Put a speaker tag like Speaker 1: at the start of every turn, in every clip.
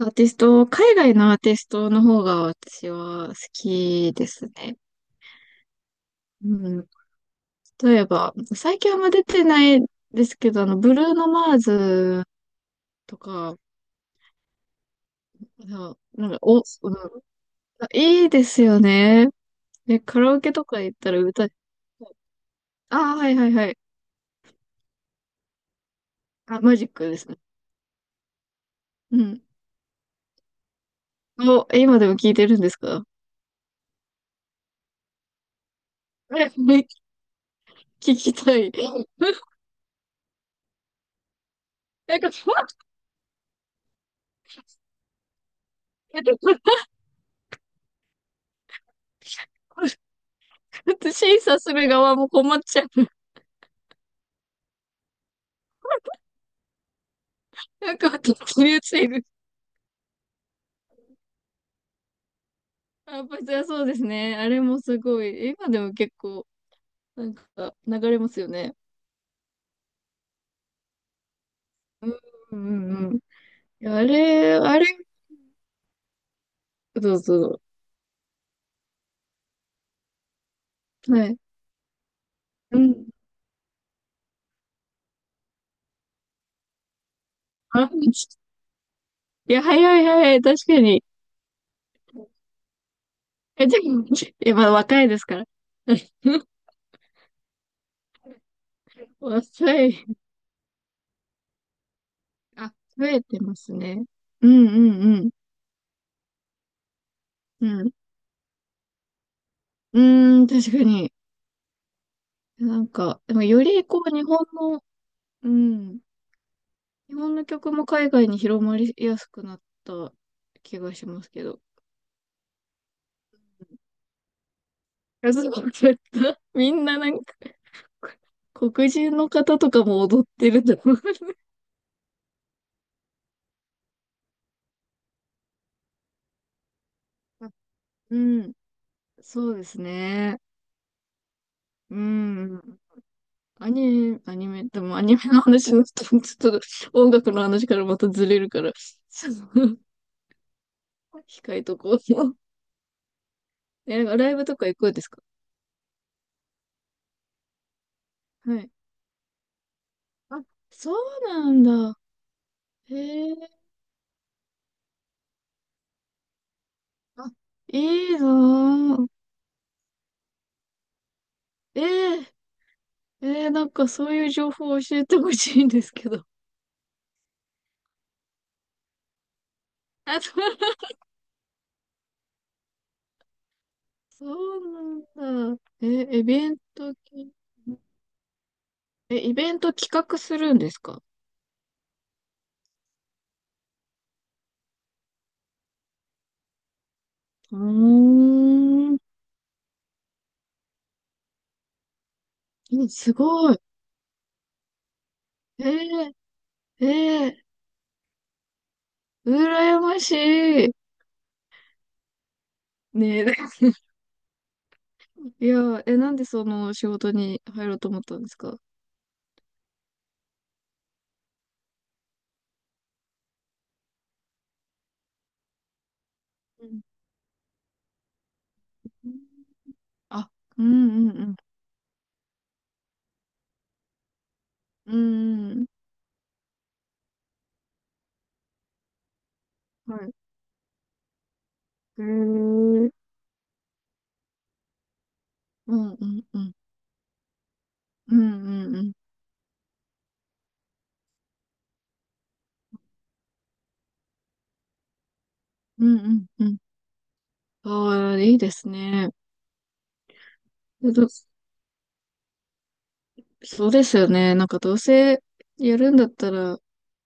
Speaker 1: アーティスト、海外のアーティストの方が私は好きですね。うん。例えば、最近あんま出てないですけど、ブルーノ・マーズとか、あなんか、お、うん、いいですよね。で、カラオケとか行ったら歌、ああ、はいはいはい。あ、マジックですね。うん。お、今でも聞いてるんですか？え、聞きたい。なんか、ふわっ。 審査する側も困っちゃう。なんか、切り落ちている。あ、パチはそうですね。あれもすごい。今でも結構、なんか、流れますよね。うんうんうん。いやあれ、そうそう。はい。うん。あ、いや、早い早い。確かに。え、でも、え、まだ若いですから。若い。あ、増えてますね。うんうんうん。うん。うーん、確かに。なんか、でもよりこう、日本の、うん、日本の曲も海外に広まりやすくなった気がしますけど。いやそうだった。 みんななんか、黒人の方とかも踊ってると思う。うん、そうですね。うん。アニメ、アニメ、でもアニメの話になっ、ちょっと音楽の話からまたずれるから、ちょっと控えとこう。え、なんかライブとか行くんですか？はい。あ、そうなんだ。へえ、あ、いいなぁ。えええー、なんかそういう情報を教えてほしいんですけど。あ、そう、そうなんだ。イベントき、え、イベント企画するんですか？うーん、うん、すごい。えー、えー、羨ましい。ねえ、いや、え、なんでその仕事に入ろうと思ったんですか？うん、あ、うんうんうん。うんうん。はい。へえ。うんうんうん。うんうんうん。うんうんうん。ああ、いいですね。どそうですよね。なんかどうせやるんだったら、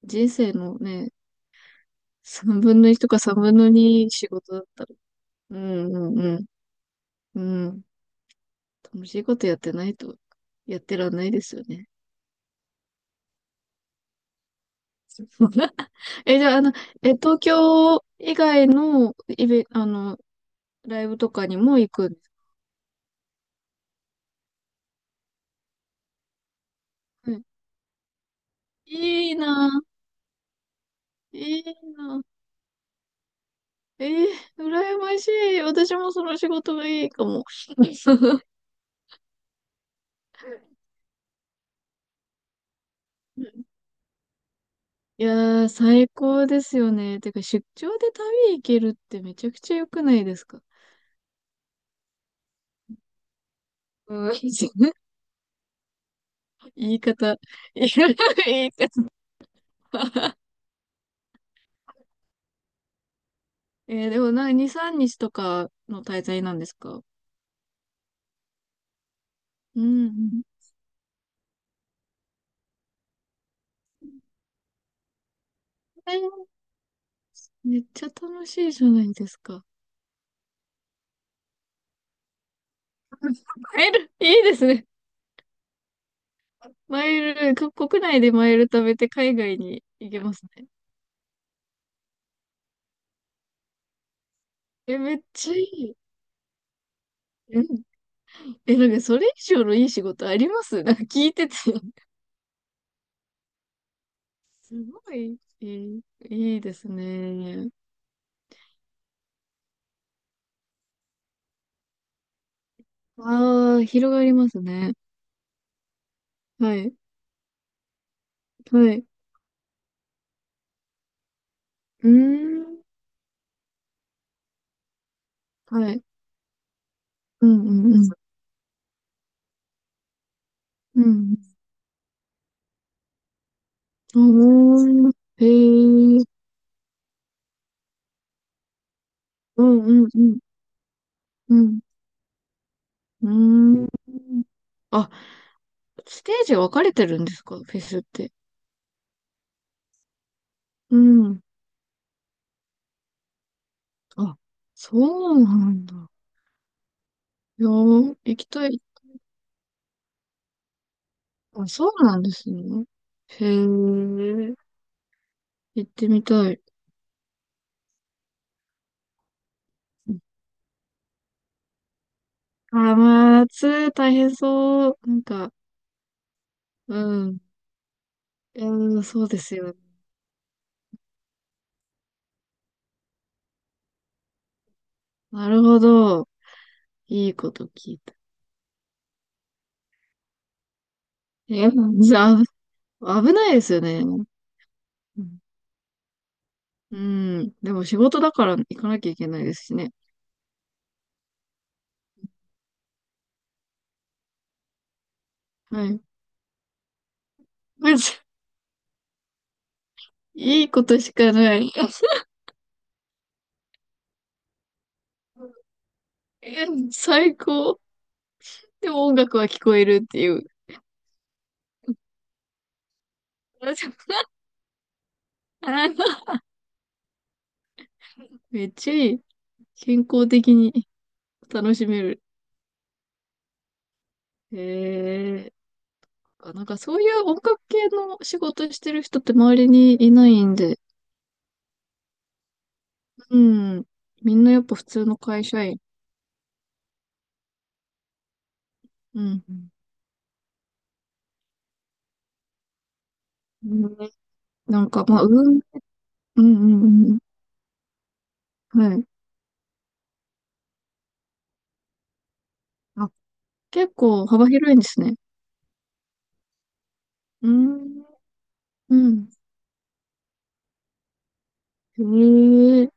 Speaker 1: 人生のね、3分の1とか3分の2仕事だったら、うんうんうん。うん。楽しいことやってないと、やってらんないですよね。え、じゃあ、え、東京以外のイベ、ライブとかにも行くんですかね。いいなぁ、いいなぁ。えー、羨ましい。私もその仕事がいいかも。いやー、最高ですよね。てか、出張で旅行けるってめちゃくちゃ良くないですか？うん、言い方。言い方。えーでもなにさんか2、3日とかの滞在なんですか？うん、えー、めっちゃ楽しいじゃないですか。マイル、いいですね。マイル、国内でマイル食べて海外に行けますね。え、めっちゃいい。うん、え、なんかそれ以上のいい仕事あります、なんか聞いてて。すごい、いい、いいですね。ああ、広がりますね。はい、はい。うーん、はい。うん、うん、うん。うん。あー、へえ、うん、うん、うん、うん。うーん。あ、ステージ分かれてるんですか、フェスって？うん。あ、そうなんだ。いやー、行きたい。あ、そうなんですね。へえ、行ってみたい。あー、まあ、夏大変そう。なんか、うん。うん、そうですよね。なるほど。いいこと聞いた。え、じゃあ、危ないですよね。うん。うん、でも仕事だから行かなきゃいけないですしね。はい。まずいいことしかない。え、最高。でも音楽は聞こえるっていう。めっちゃいい。健康的に楽しめる。へえ。なんかそういう音楽系の仕事してる人って周りにいないんで、うん。みんなやっぱ普通の会社員。うん。うんね、なんか、まあ、うん、うん、うん、うん。はい。あ、結構幅広いんですね。うん、うん。へえ、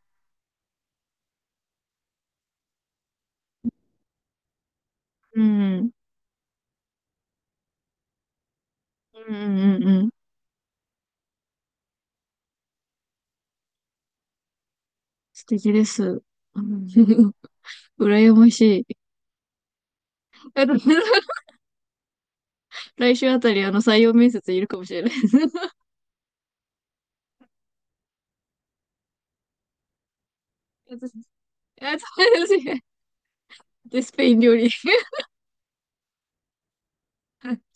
Speaker 1: うん、うん、うん、うん。うん、素敵です。うん、羨ましい。来週あたり、採用面接いるかもしれないです。あ、そうです。デスペイン料理。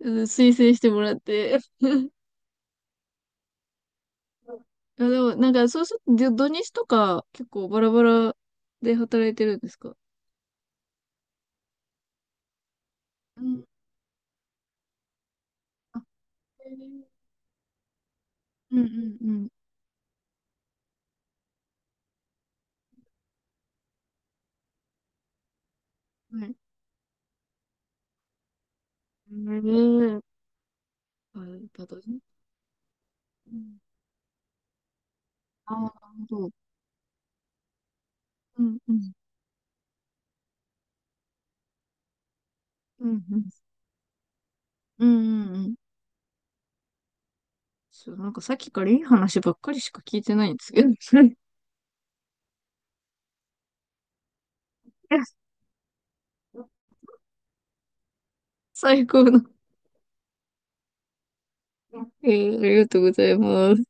Speaker 1: うん、推薦してもらって。いやでも、なんか、そうすると、土日とか、結構バラバラで働いてるんですか？うん。あ、へー、うんうんうん。はい。うん。あ、やっぱ土日、うん。ああ、なるほど。うんうん。うんうん。うんうんうん。そう、なんかさっきからいい話ばっかりしか聞いてないんですけど。最高の。えー、ありがとうございます。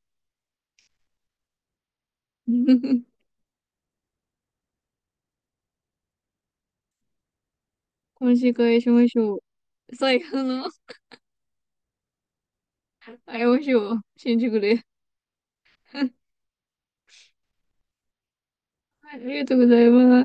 Speaker 1: 今週会しましょう。最後の。あい、お塩、信じてくれ。ありがとうございます。